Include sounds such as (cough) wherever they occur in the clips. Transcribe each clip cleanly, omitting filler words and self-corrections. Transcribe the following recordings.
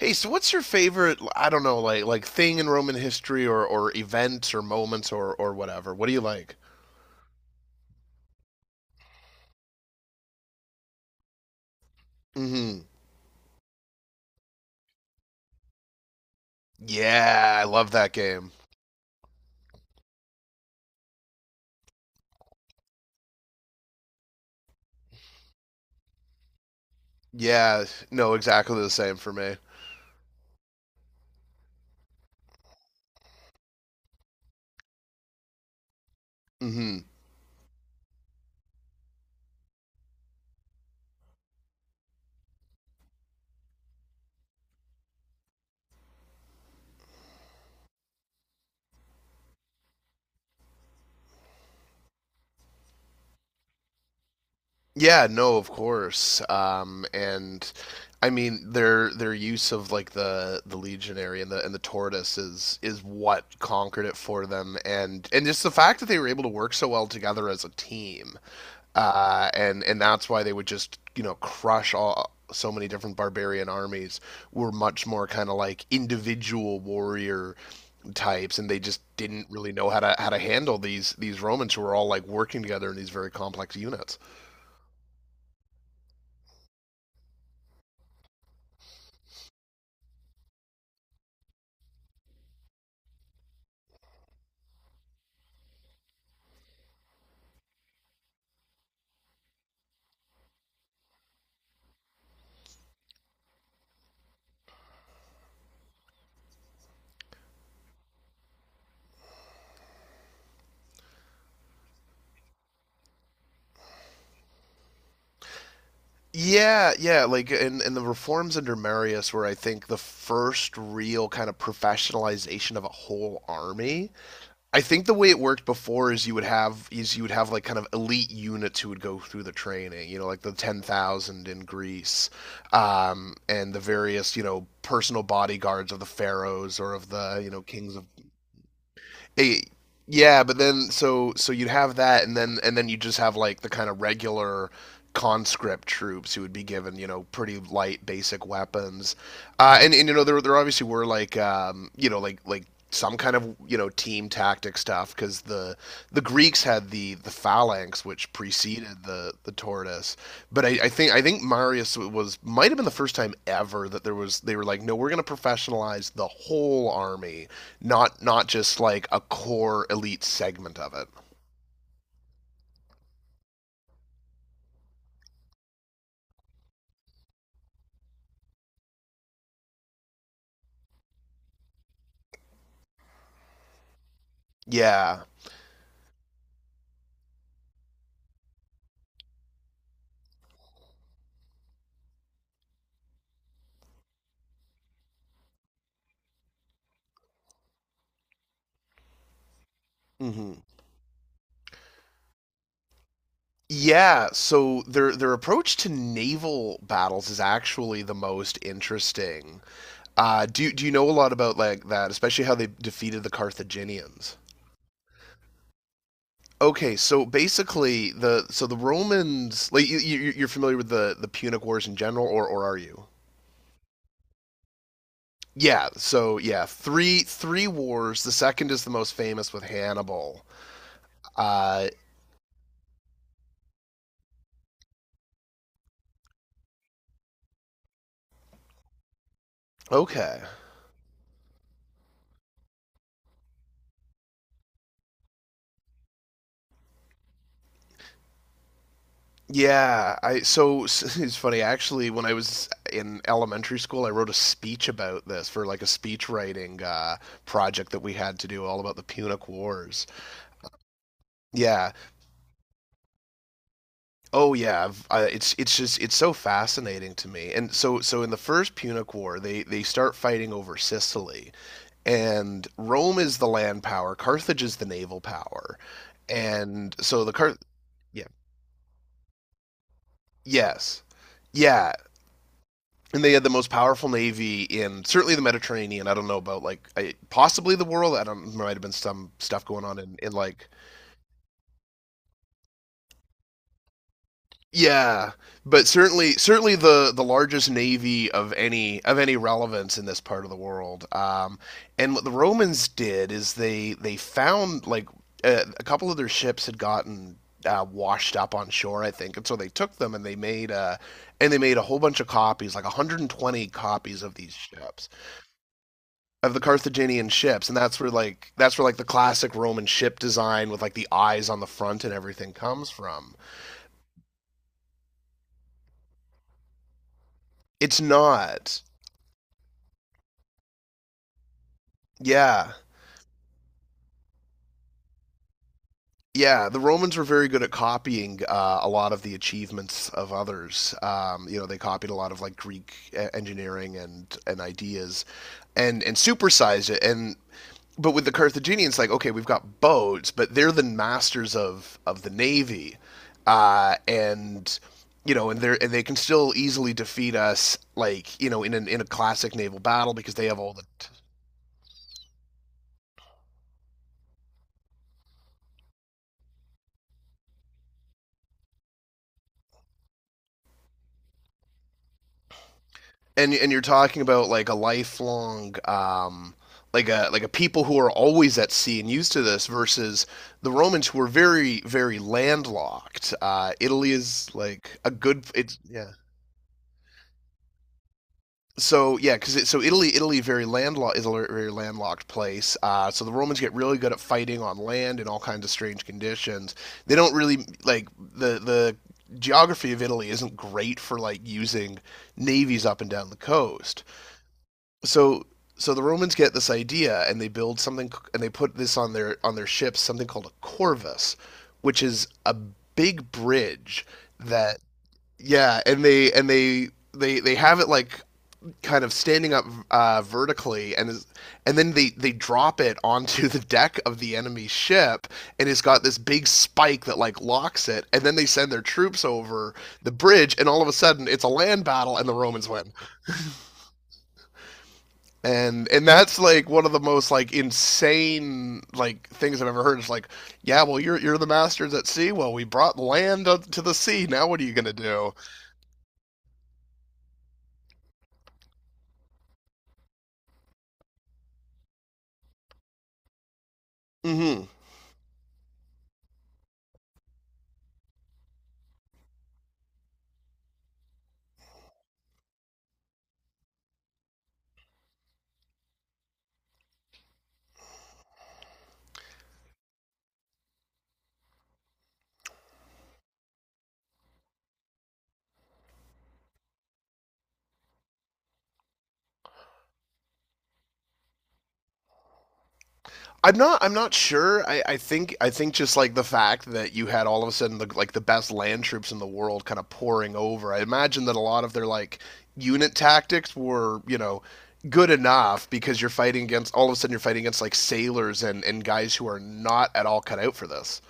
Hey, so what's your favorite, I don't know, like thing in Roman history or events or moments or whatever? What do you like? Mhm. Yeah, I love that game. Yeah, no, exactly the same for me. Mhm. Yeah, no, of course. And I mean their use of like the legionary and the tortoise is what conquered it for them, and just the fact that they were able to work so well together as a team, and that's why they would just, you know, crush all so many different barbarian armies. Were much more kind of like individual warrior types, and they just didn't really know how to handle these Romans who were all like working together in these very complex units. Yeah, yeah, like in the reforms under Marius were, I think, the first real kind of professionalization of a whole army. I think the way it worked before is you would have like kind of elite units who would go through the training, you know, like the 10,000 in Greece, and the various, you know, personal bodyguards of the pharaohs or of the, you know, kings of, eh, yeah. But then, so you'd have that, and then you just have like the kind of regular conscript troops who would be given, you know, pretty light basic weapons, and you know, there obviously were like, you know, like some kind of, you know, team tactic stuff because the Greeks had the phalanx which preceded the tortoise. But I think Marius was might have been the first time ever that there was, they were like, no, we're going to professionalize the whole army, not just like a core elite segment of it. Yeah. Mm-hmm. Yeah, so their approach to naval battles is actually the most interesting. Do you know a lot about like that, especially how they defeated the Carthaginians? Okay, so basically the Romans, like you, you're familiar with the Punic Wars in general, or are you? Yeah, so yeah, three wars. The second is the most famous with Hannibal. Uh, okay. Yeah, I so (laughs) it's funny actually when I was in elementary school I wrote a speech about this for like a speech writing project that we had to do all about the Punic Wars. Yeah. Oh yeah, it's just, it's so fascinating to me. And so in the first Punic War they start fighting over Sicily, and Rome is the land power, Carthage is the naval power. And so the Car Yeah. Yes. Yeah, and they had the most powerful navy in certainly the Mediterranean. I don't know about like, possibly the world. I don't. There might have been some stuff going on in like, yeah, but certainly the largest navy of any relevance in this part of the world. And what the Romans did is they found like a couple of their ships had gotten, washed up on shore, I think, and so they took them and they made a and they made a whole bunch of copies, like 120 copies of the Carthaginian ships, and that's where like the classic Roman ship design with like the eyes on the front and everything comes from. It's not. Yeah. Yeah, the Romans were very good at copying, a lot of the achievements of others. They copied a lot of like Greek, engineering and ideas, and supersized it. And but with the Carthaginians, like, okay, we've got boats, but they're the masters of the navy, and, you know, and they can still easily defeat us, like, you know, in a classic naval battle because they have all the, t— and you're talking about like a lifelong, like a people who are always at sea and used to this versus the Romans who were very very landlocked. Italy is like a good, it's, yeah. So yeah, because so Italy, Italy very landlocked is a very landlocked place. So the Romans get really good at fighting on land in all kinds of strange conditions. They don't really like — the geography of Italy isn't great for like using navies up and down the coast. So so the Romans get this idea, and they build something, and they put this on their ships, something called a corvus, which is a big bridge that, yeah, and they have it like kind of standing up, vertically, and is, and then they drop it onto the deck of the enemy ship, and it's got this big spike that like locks it, and then they send their troops over the bridge, and all of a sudden it's a land battle and the Romans win. And that's like one of the most like insane like things I've ever heard. It's like, yeah, well, you're the masters at sea, well, we brought land up to the sea, now what are you going to do? Hmm. I'm not. I'm not sure. I think just like the fact that you had all of a sudden the, like the best land troops in the world kind of pouring over. I imagine that a lot of their like unit tactics were, you know, good enough because you're fighting against all of a sudden you're fighting against like sailors and guys who are not at all cut out for this.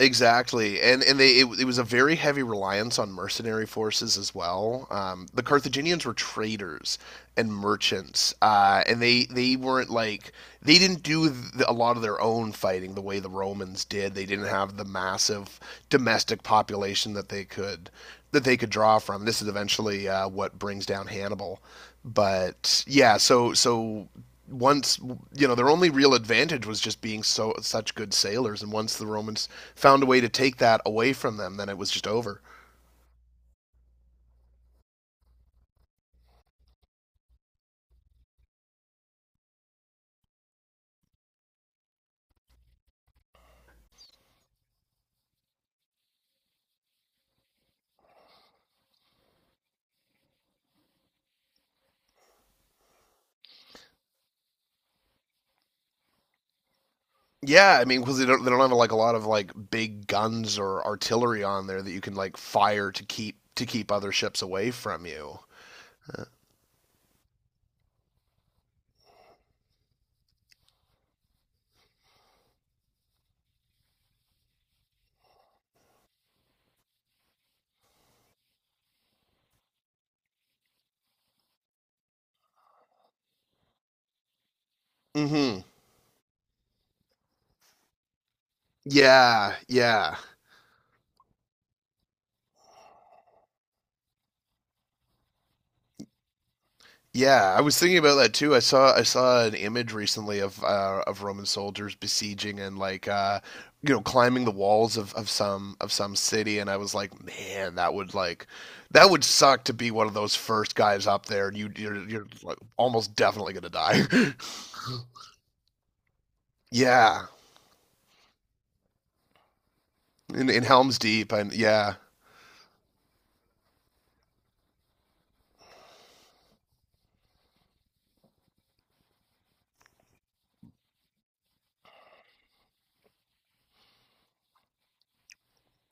Exactly, and they it was a very heavy reliance on mercenary forces as well. The Carthaginians were traders and merchants, and they weren't like, they didn't do th a lot of their own fighting the way the Romans did. They didn't have the massive domestic population that they could draw from. This is eventually, what brings down Hannibal, but yeah, so once, you know, their only real advantage was just being such good sailors, and once the Romans found a way to take that away from them, then it was just over. Yeah, I mean, because they don't have like a lot of like big guns or artillery on there that you can like fire to keep other ships away from you. Mm-hmm. Yeah, yeah. Yeah, I was thinking about that too. I saw an image recently of, of Roman soldiers besieging and like, you know, climbing the walls of some, of some city, and I was like, man, that would like — that would suck to be one of those first guys up there, and you're like almost definitely gonna die. (laughs) Yeah, in Helm's Deep, and yeah,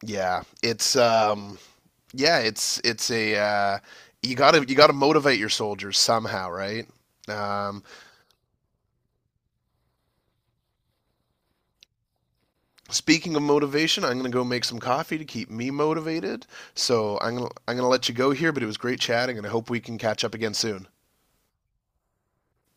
yeah, it's, yeah, it's a you gotta motivate your soldiers somehow, right? Um, Speaking of motivation, I'm going to go make some coffee to keep me motivated. So I'm going to let you go here, but it was great chatting, and I hope we can catch up again soon.